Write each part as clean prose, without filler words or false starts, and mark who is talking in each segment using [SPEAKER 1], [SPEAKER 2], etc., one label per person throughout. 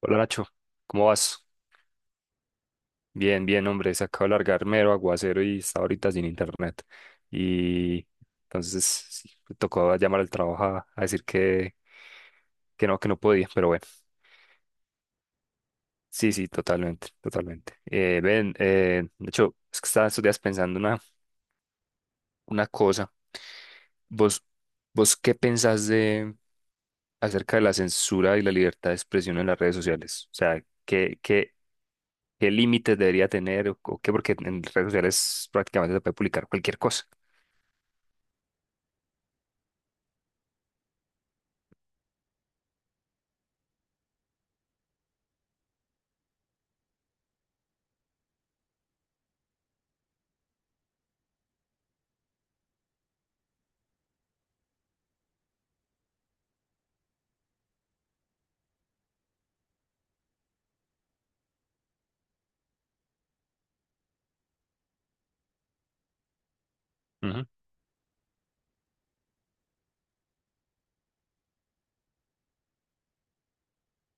[SPEAKER 1] Hola Nacho, ¿cómo vas? Bien, bien, hombre, se acaba de largar mero aguacero y está ahorita sin internet. Y entonces sí, me tocó llamar al trabajo a decir que no podía, pero bueno. Sí, sí, totalmente, totalmente. Ven, Nacho, es que estaba estos días pensando una cosa. ¿Vos, ¿vos qué pensás de acerca de la censura y la libertad de expresión en las redes sociales? O sea, ¿qué límites debería tener o qué? Porque en redes sociales prácticamente se puede publicar cualquier cosa. Ujú.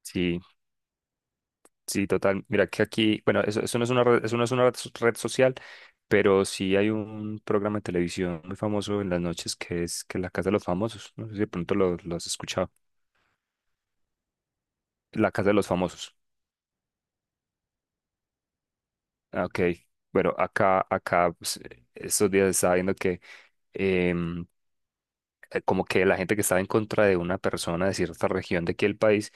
[SPEAKER 1] Sí, sí, total. Mira que aquí, bueno, eso no es una red, eso no es una red, red social, pero sí hay un programa de televisión muy famoso en las noches que es La Casa de los Famosos. No sé si de pronto lo has escuchado. La Casa de los Famosos. Ah, ok. Bueno, acá, acá, pues, estos días estaba viendo que em, como que la gente que estaba en contra de una persona de cierta región de aquí el país,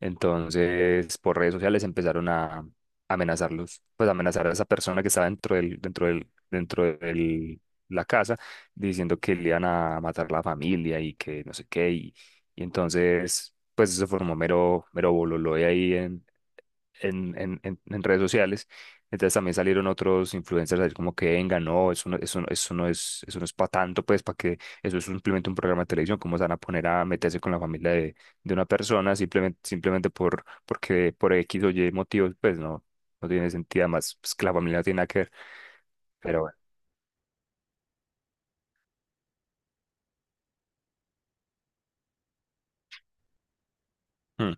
[SPEAKER 1] entonces por redes sociales empezaron a amenazarlos, pues amenazar a esa persona que estaba dentro del la casa, diciendo que le iban a matar la familia y que no sé qué, y entonces pues eso formó mero, mero bololo de ahí en redes sociales. Entonces también salieron otros influencers a decir como que venga, no, eso no es para tanto, pues, para que eso es simplemente un programa de televisión, cómo se van a poner a meterse con la familia de una persona simplemente, porque por X o Y motivos, pues no, no tiene sentido, además, pues que la familia no tiene nada que ver. Pero bueno. hmm,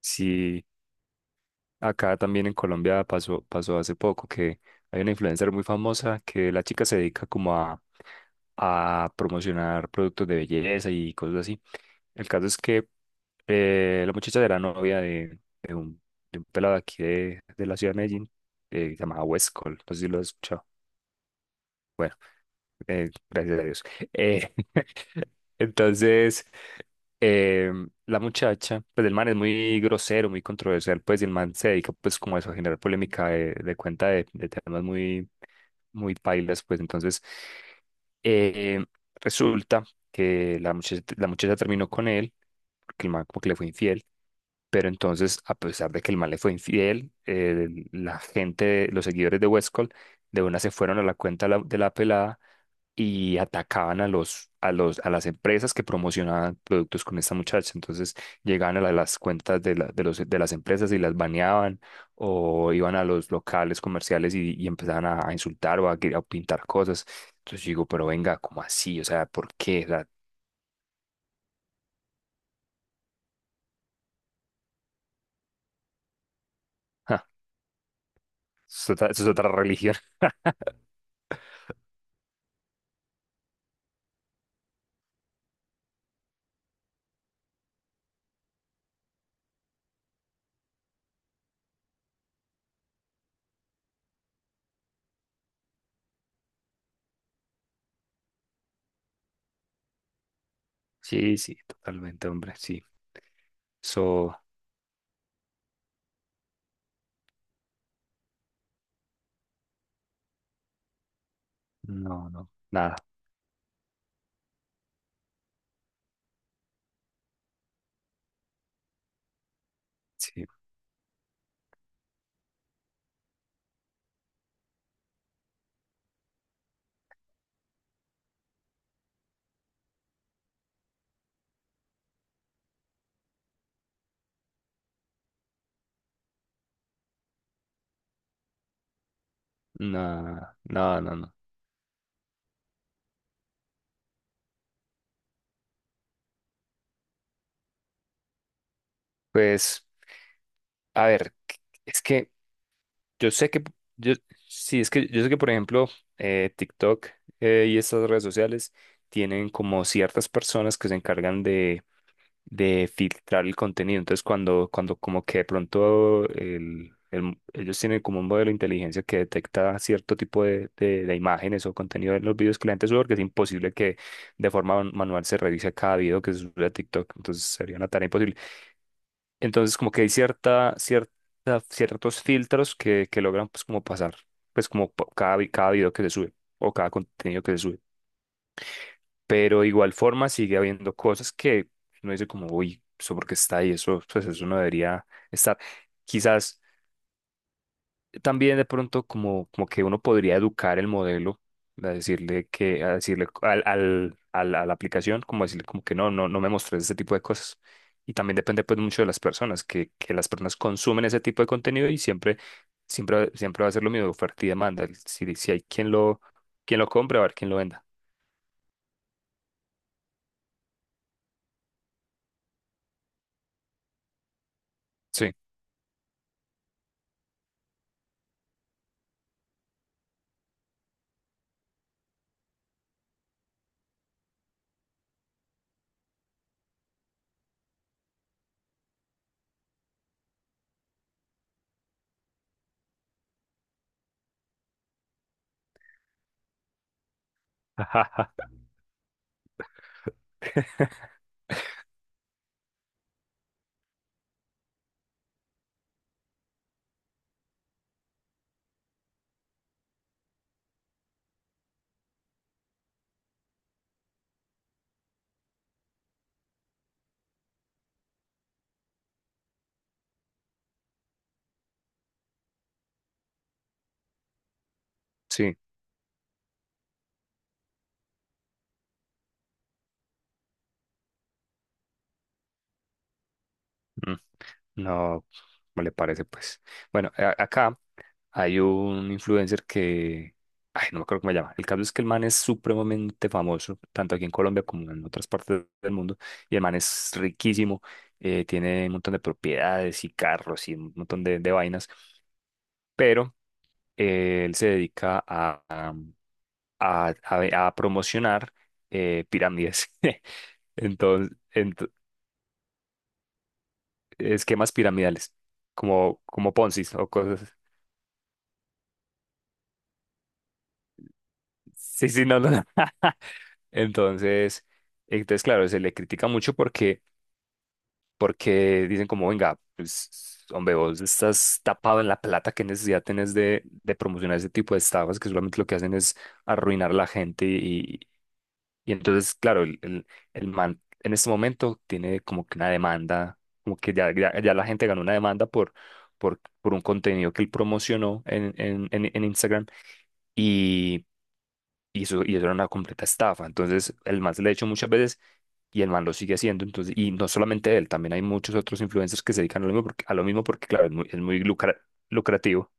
[SPEAKER 1] sí. Acá también en Colombia pasó, pasó hace poco que hay una influencer muy famosa que la chica se dedica como a promocionar productos de belleza y cosas así. El caso es que la muchacha era novia de un pelado de aquí de la ciudad de Medellín, llamado Westcol, no sé si lo has escuchado. Bueno, gracias a Dios. Eh, entonces, eh, la muchacha, pues el man es muy grosero, muy controversial, pues y el man se dedica pues como a eso, a generar polémica de cuenta de temas muy pailas, pues entonces eh, resulta que la muchacha terminó con él, porque el man como que le fue infiel. Pero entonces, a pesar de que el man le fue infiel, la gente, los seguidores de Westcol, de una se fueron a la cuenta de la pelada y atacaban a las empresas que promocionaban productos con esta muchacha. Entonces llegaban a la- las cuentas de, la- de, los, de las empresas y las baneaban o iban a los locales comerciales y empezaban a insultar o a pintar cosas. Entonces yo digo, pero venga, ¿cómo así? O sea, ¿por qué? O sea, ja, eso es otra religión. Sí, sí, totalmente, hombre, sí. So, no, no, nada, sí, nada, nada, no, no. Pues, a ver, es que yo sé que, yo, sí, es que yo sé que, por ejemplo, TikTok y estas redes sociales tienen como ciertas personas que se encargan de filtrar el contenido. Entonces, cuando como que de pronto ellos tienen como un modelo de inteligencia que detecta cierto tipo de imágenes o contenido en los videos que la gente sube, porque es imposible que de forma manual se revise cada video que se sube a TikTok. Entonces, sería una tarea imposible. Entonces, como que hay ciertos filtros que logran pues como pasar, pues como cada video que se sube o cada contenido que se sube. Pero igual forma sigue habiendo cosas que uno dice como, uy, eso porque está ahí, eso, pues eso no debería estar. Quizás también de pronto como que uno podría educar el modelo a decirle a decirle a la aplicación, como decirle como que no, no, no me mostres ese tipo de cosas. Y también depende pues mucho de las personas, que las personas consumen ese tipo de contenido y siempre, siempre, siempre va a ser lo mismo, oferta y demanda. Si hay quien lo compre, va a haber quien lo venda. Sí, sí. Mm. No, ¿cómo le parece, pues? Bueno, acá hay un influencer que, ay, no me acuerdo cómo se llama. El caso es que el man es supremamente famoso, tanto aquí en Colombia como en otras partes del mundo, y el man es riquísimo, tiene un montón de propiedades y carros y un montón de vainas, pero él se dedica a promocionar pirámides, entonces, ento- esquemas piramidales, como Ponzi o cosas. Sí, sí, no, no, no. Entonces, entonces claro, se le critica mucho porque dicen como, venga, pues, hombre, vos estás tapado en la plata, ¿qué necesidad tenés de promocionar ese tipo de estafas que solamente lo que hacen es arruinar a la gente? Y entonces, claro, el man en este momento tiene como que una demanda, como que ya la gente ganó una demanda por un contenido que él promocionó en Instagram. Y y eso era una completa estafa. Entonces, el man se le ha hecho muchas veces y el man lo sigue haciendo. Entonces, y no solamente él, también hay muchos otros influencers que se dedican a lo mismo porque claro, es es muy lucrativo.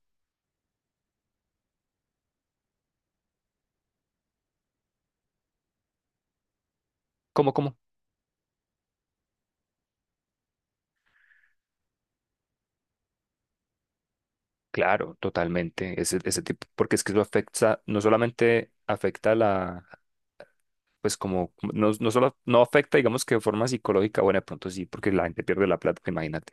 [SPEAKER 1] ¿Cómo, cómo? Claro, totalmente. Ese tipo, porque es que eso afecta, no solamente afecta pues como no, no solo no afecta, digamos que de forma psicológica, bueno, de pronto sí, porque la gente pierde la plata, imagínate,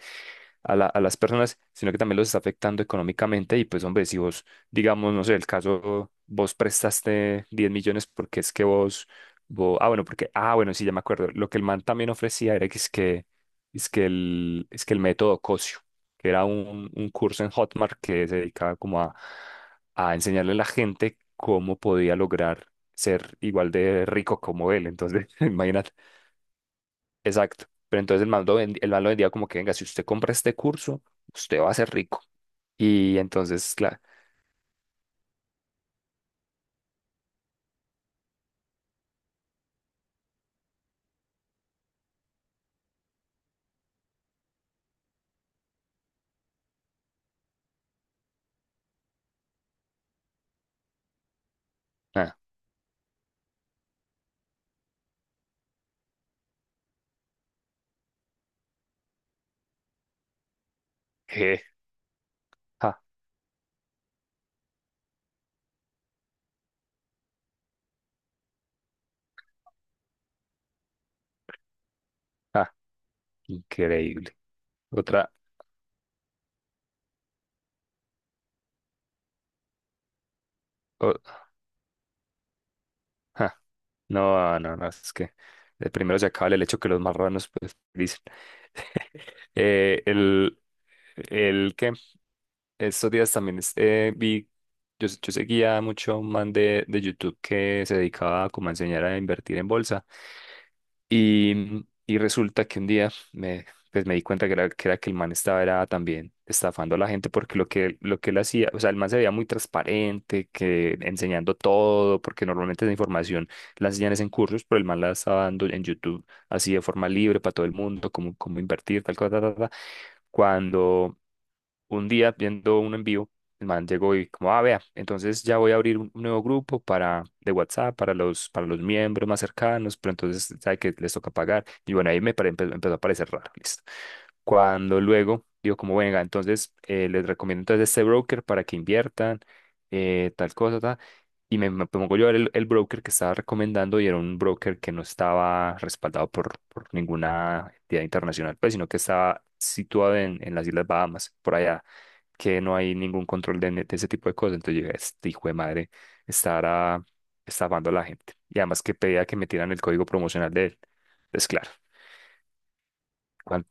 [SPEAKER 1] a las personas, sino que también los está afectando económicamente y pues hombre, si vos, digamos, no sé, el caso, vos prestaste 10 millones porque es que vos, vos, ah, bueno, porque, ah, bueno, sí, ya me acuerdo, lo que el man también ofrecía era que es que, es que el método Cosio, que era un curso en Hotmart que se dedicaba como a enseñarle a la gente cómo podía lograr ser igual de rico como él. Entonces, imagínate. Exacto. Pero entonces el man el man lo vendía como que, venga, si usted compra este curso, usted va a ser rico. Y entonces, claro, ah, je, ja, ja, increíble. Otra, o- ja, no, no, no, es que de primero se acaba el hecho que los marranos, pues, dicen. Eh, el, el que estos días también vi, yo seguía mucho a un man de YouTube que se dedicaba como a enseñar a invertir en bolsa. Y resulta que un día pues me di cuenta que que era que el man estaba era también estafando a la gente porque lo que él hacía, o sea, el man se veía muy transparente, que enseñando todo, porque normalmente esa información la enseñan es en cursos, pero el man la estaba dando en YouTube así de forma libre para todo el mundo, cómo invertir, tal cosa, tal, tal. Cuando un día viendo uno en vivo, el man llegó y como, ah, vea, entonces ya voy a abrir un nuevo grupo de WhatsApp para los miembros más cercanos, pero entonces sabe que les toca pagar. Y bueno, ahí me empezó a parecer raro, listo. Cuando luego digo, como, venga, entonces les recomiendo entonces este broker para que inviertan, tal cosa, tal. Y me pongo yo a ver el broker que estaba recomendando y era un broker que no estaba respaldado por ninguna entidad internacional, pues, sino que estaba situado en las Islas Bahamas, por allá, que no hay ningún control de ese tipo de cosas. Entonces yo dije, este hijo de madre estará estafando a la gente. Y además que pedía que me tiraran el código promocional de él. Entonces, claro, cuan-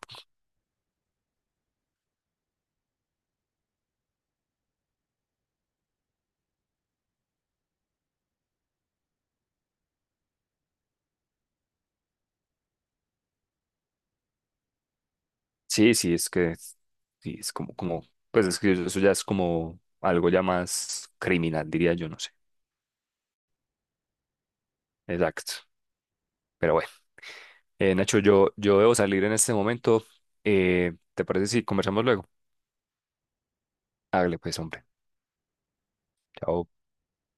[SPEAKER 1] sí, sí, sí, es pues es que eso ya es como algo ya más criminal, diría yo, no sé. Exacto. Pero bueno. Nacho, yo debo salir en este momento. ¿Te parece si conversamos luego? Hágale pues, hombre. Chao.